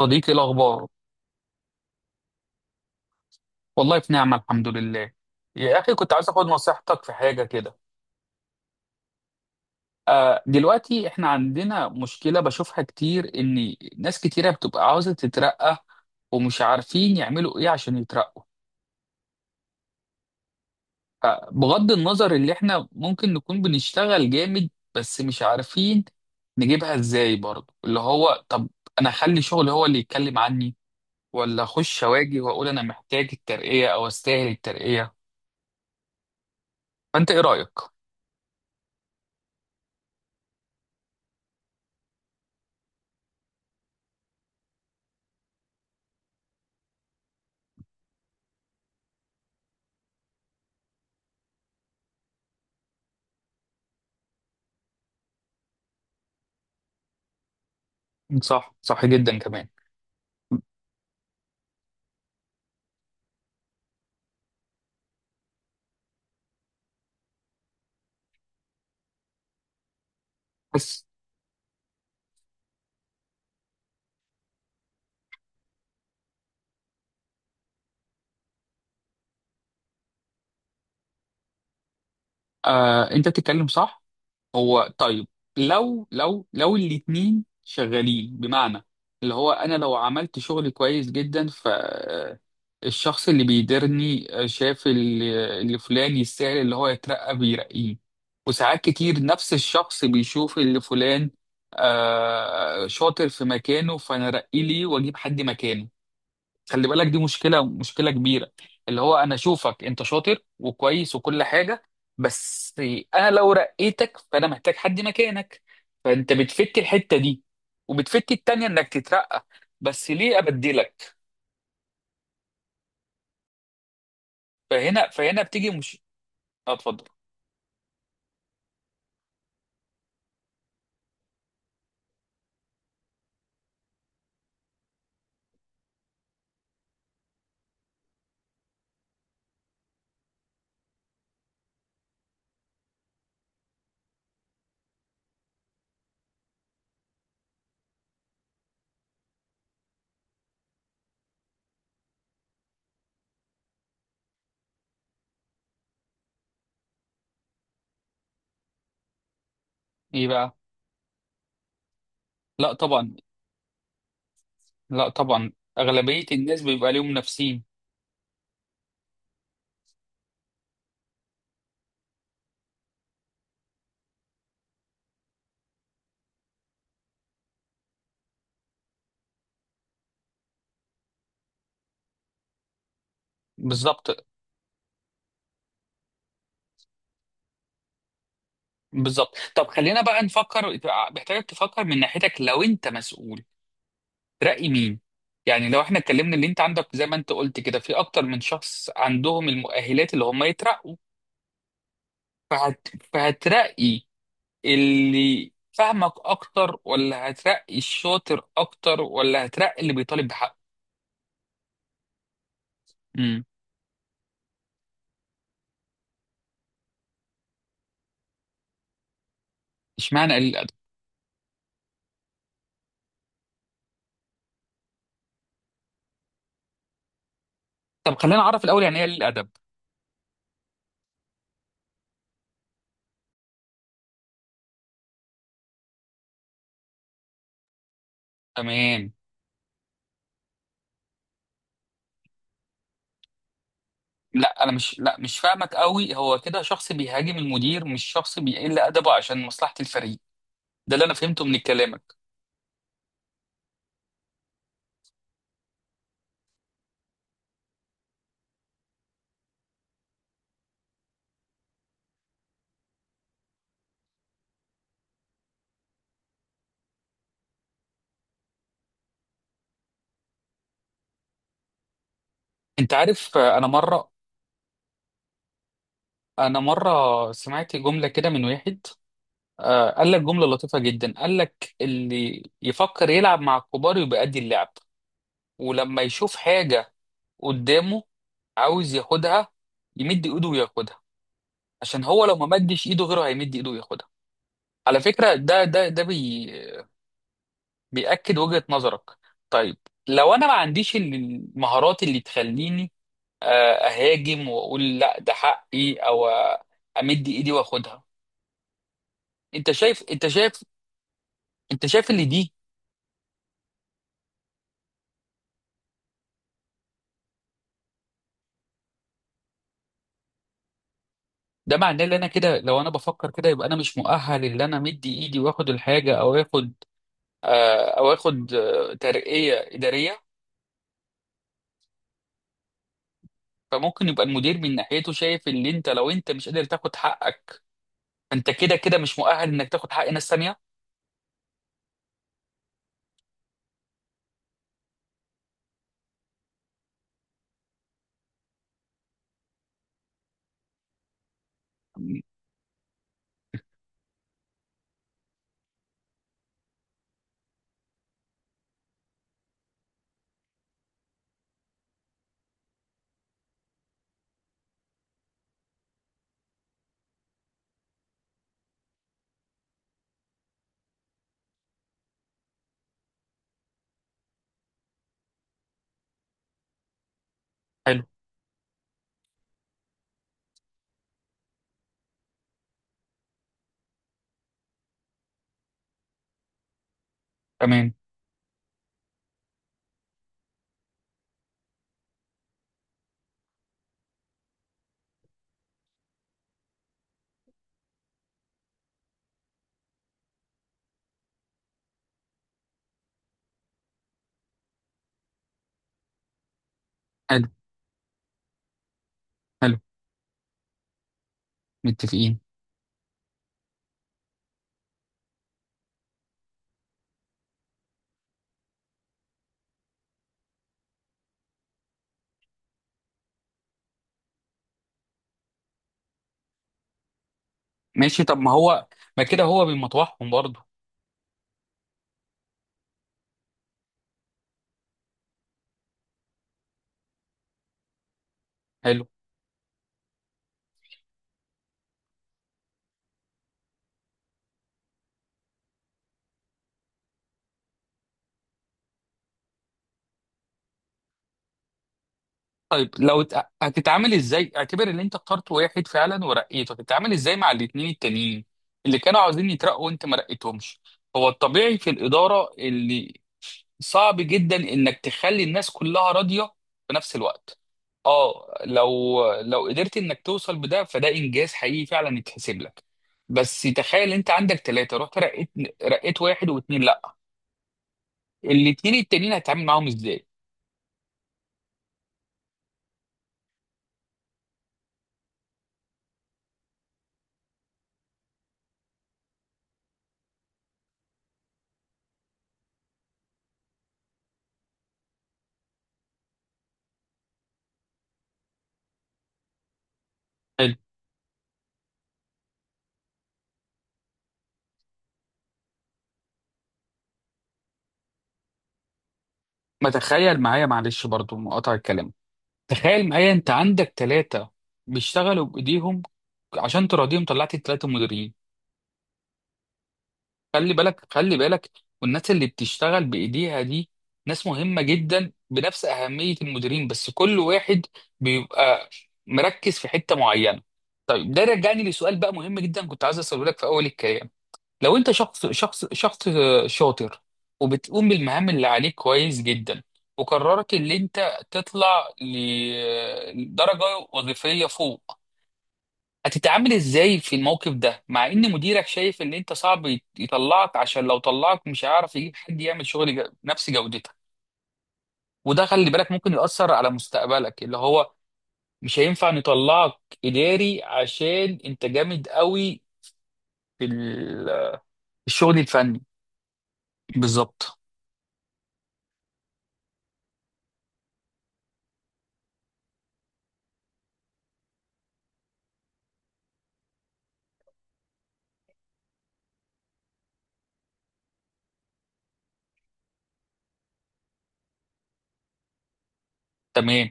صديقي، إيه الأخبار؟ والله في نعمة الحمد لله. يا أخي كنت عايز أخد نصيحتك في حاجة كده. دلوقتي إحنا عندنا مشكلة بشوفها كتير إن ناس كتيرة بتبقى عاوزة تترقى ومش عارفين يعملوا إيه عشان يترقوا. بغض النظر اللي إحنا ممكن نكون بنشتغل جامد بس مش عارفين نجيبها إزاي، برضه اللي هو طب أنا أخلي شغلي هو اللي يتكلم عني، ولا أخش أواجه وأقول أنا محتاج الترقية أو أستاهل الترقية؟ فأنت إيه رأيك؟ صح، صح جدا كمان. بس انت بتتكلم صح. هو طيب، لو الاتنين شغالين، بمعنى اللي هو انا لو عملت شغل كويس جدا، ف الشخص اللي بيديرني شاف اللي فلان يستاهل اللي هو يترقى بيرقيه. وساعات كتير نفس الشخص بيشوف اللي فلان شاطر في مكانه، فانا ارقيه ليه واجيب حد مكانه؟ خلي بالك، دي مشكلة، مشكلة كبيرة. اللي هو أنا أشوفك أنت شاطر وكويس وكل حاجة، بس أنا لو رقيتك فأنا محتاج حد مكانك. فأنت بتفت الحتة دي وبتفت التانية إنك تترقى، بس ليه أبدلك؟ فهنا بتيجي مش... أتفضل. إيه بقى؟ لا طبعا. لا طبعا، أغلبية الناس بيبقى ليهم نفسين. بالظبط. بالظبط، طب خلينا بقى نفكر. محتاجك تفكر من ناحيتك لو أنت مسؤول، ترقي مين؟ يعني لو احنا اتكلمنا اللي انت عندك زي ما انت قلت كده، في اكتر من شخص عندهم المؤهلات اللي هم يترقوا. فهت... فهترقي اللي فاهمك اكتر، ولا هترقي الشاطر اكتر، ولا هترقي اللي بيطالب بحقه؟ امم اشمعنى قليل الادب؟ طب خلينا نعرف الاول يعني ايه قليل الادب. تمام. لا، انا مش، لا مش فاهمك قوي. هو كده شخص بيهاجم المدير، مش شخص بيقل ادبه عشان مصلحة الفريق. ده اللي انا فهمته من كلامك. انت عارف، انا مره أنا مرة سمعت جملة كده من واحد، قال لك جملة لطيفة جدا، قال لك اللي يفكر يلعب مع الكبار يبقى قد اللعب. ولما يشوف حاجة قدامه عاوز ياخدها، يمد إيده وياخدها، عشان هو لو ما مدش إيده غيره هيمد إيده وياخدها. على فكرة ده ده ده بي بيأكد وجهة نظرك. طيب، لو أنا ما عنديش المهارات اللي تخليني أهاجم وأقول لا ده حقي، أو أمد إيدي وأخدها؟ انت شايف انت شايف انت شايف اللي دي؟ ده معناه ان انا كده لو انا بفكر كده يبقى انا مش مؤهل ان انا مدي ايدي واخد الحاجه، او اخد او اخد ترقيه اداريه. فممكن يبقى المدير من ناحيته شايف ان انت لو انت مش قادر تاخد حقك، انت كده كده مش مؤهل انك تاخد حق ناس تانيه. حلو. تمام. حلو، حلو. متفقين. ماشي، طب ما هو ما كده هو بيمطوحهم برضه. حلو. طيب، لو هتتعامل ازاي؟ اعتبر ان انت اخترت واحد فعلا ورقيته، هتتعامل ازاي مع الاتنين التانيين اللي كانوا عاوزين يترقوا وانت ما رقيتهمش؟ هو الطبيعي في الإدارة اللي صعب جدا انك تخلي الناس كلها راضية في نفس الوقت. اه، لو قدرت انك توصل بده فده انجاز حقيقي فعلا يتحسب لك. بس تخيل انت عندك ثلاثة، رحت رقيت واحد واتنين، لا، الاتنين التانيين هتتعامل معاهم ازاي؟ حلو. ما تخيل معايا، معلش برضو مقاطع الكلام، تخيل معايا انت عندك ثلاثة بيشتغلوا بايديهم، عشان تراضيهم طلعت الثلاثة مديرين. خلي بالك، خلي بالك، والناس اللي بتشتغل بايديها دي ناس مهمة جدا بنفس أهمية المديرين، بس كل واحد بيبقى مركز في حتة معينة. طيب، ده رجعني لسؤال بقى مهم جدا كنت عايز اساله لك في اول الكلام. لو انت شخص شاطر وبتقوم بالمهام اللي عليك كويس جدا، وقررت ان انت تطلع لدرجة وظيفية فوق، هتتعامل ازاي في الموقف ده مع ان مديرك شايف ان انت صعب يطلعك عشان لو طلعك مش هيعرف يجيب حد يعمل شغل نفس جودتك؟ وده خلي بالك ممكن يأثر على مستقبلك اللي هو مش هينفع نطلعك إداري عشان انت جامد قوي في الشغل الفني. بالظبط. تمام.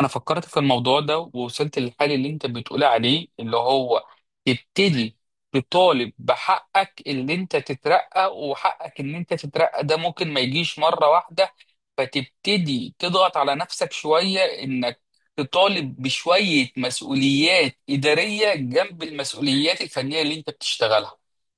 انا فكرت في الموضوع ده ووصلت للحل اللي انت بتقول عليه، اللي هو تبتدي تطالب بحقك اللي انت تترقى، وحقك ان انت تترقى ده ممكن ما يجيش مرة واحدة. فتبتدي تضغط على نفسك شوية انك تطالب بشوية مسؤوليات إدارية جنب المسؤوليات الفنية اللي انت بتشتغلها.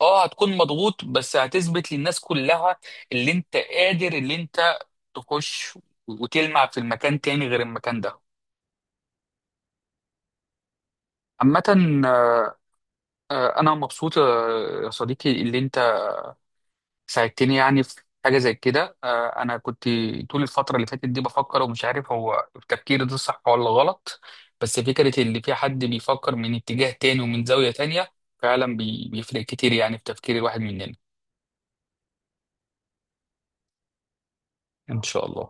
اه هتكون مضغوط، بس هتثبت للناس كلها اللي انت قادر، اللي انت تخش وتلمع في المكان تاني غير المكان ده. عامة، أنا مبسوط يا صديقي اللي أنت ساعدتني يعني في حاجة زي كده. أنا كنت طول الفترة اللي فاتت دي بفكر ومش عارف هو التفكير ده صح ولا غلط، بس فكرة اللي في حد بيفكر من اتجاه تاني ومن زاوية تانية فعلا بيفرق كتير يعني في تفكير الواحد مننا. إن شاء الله.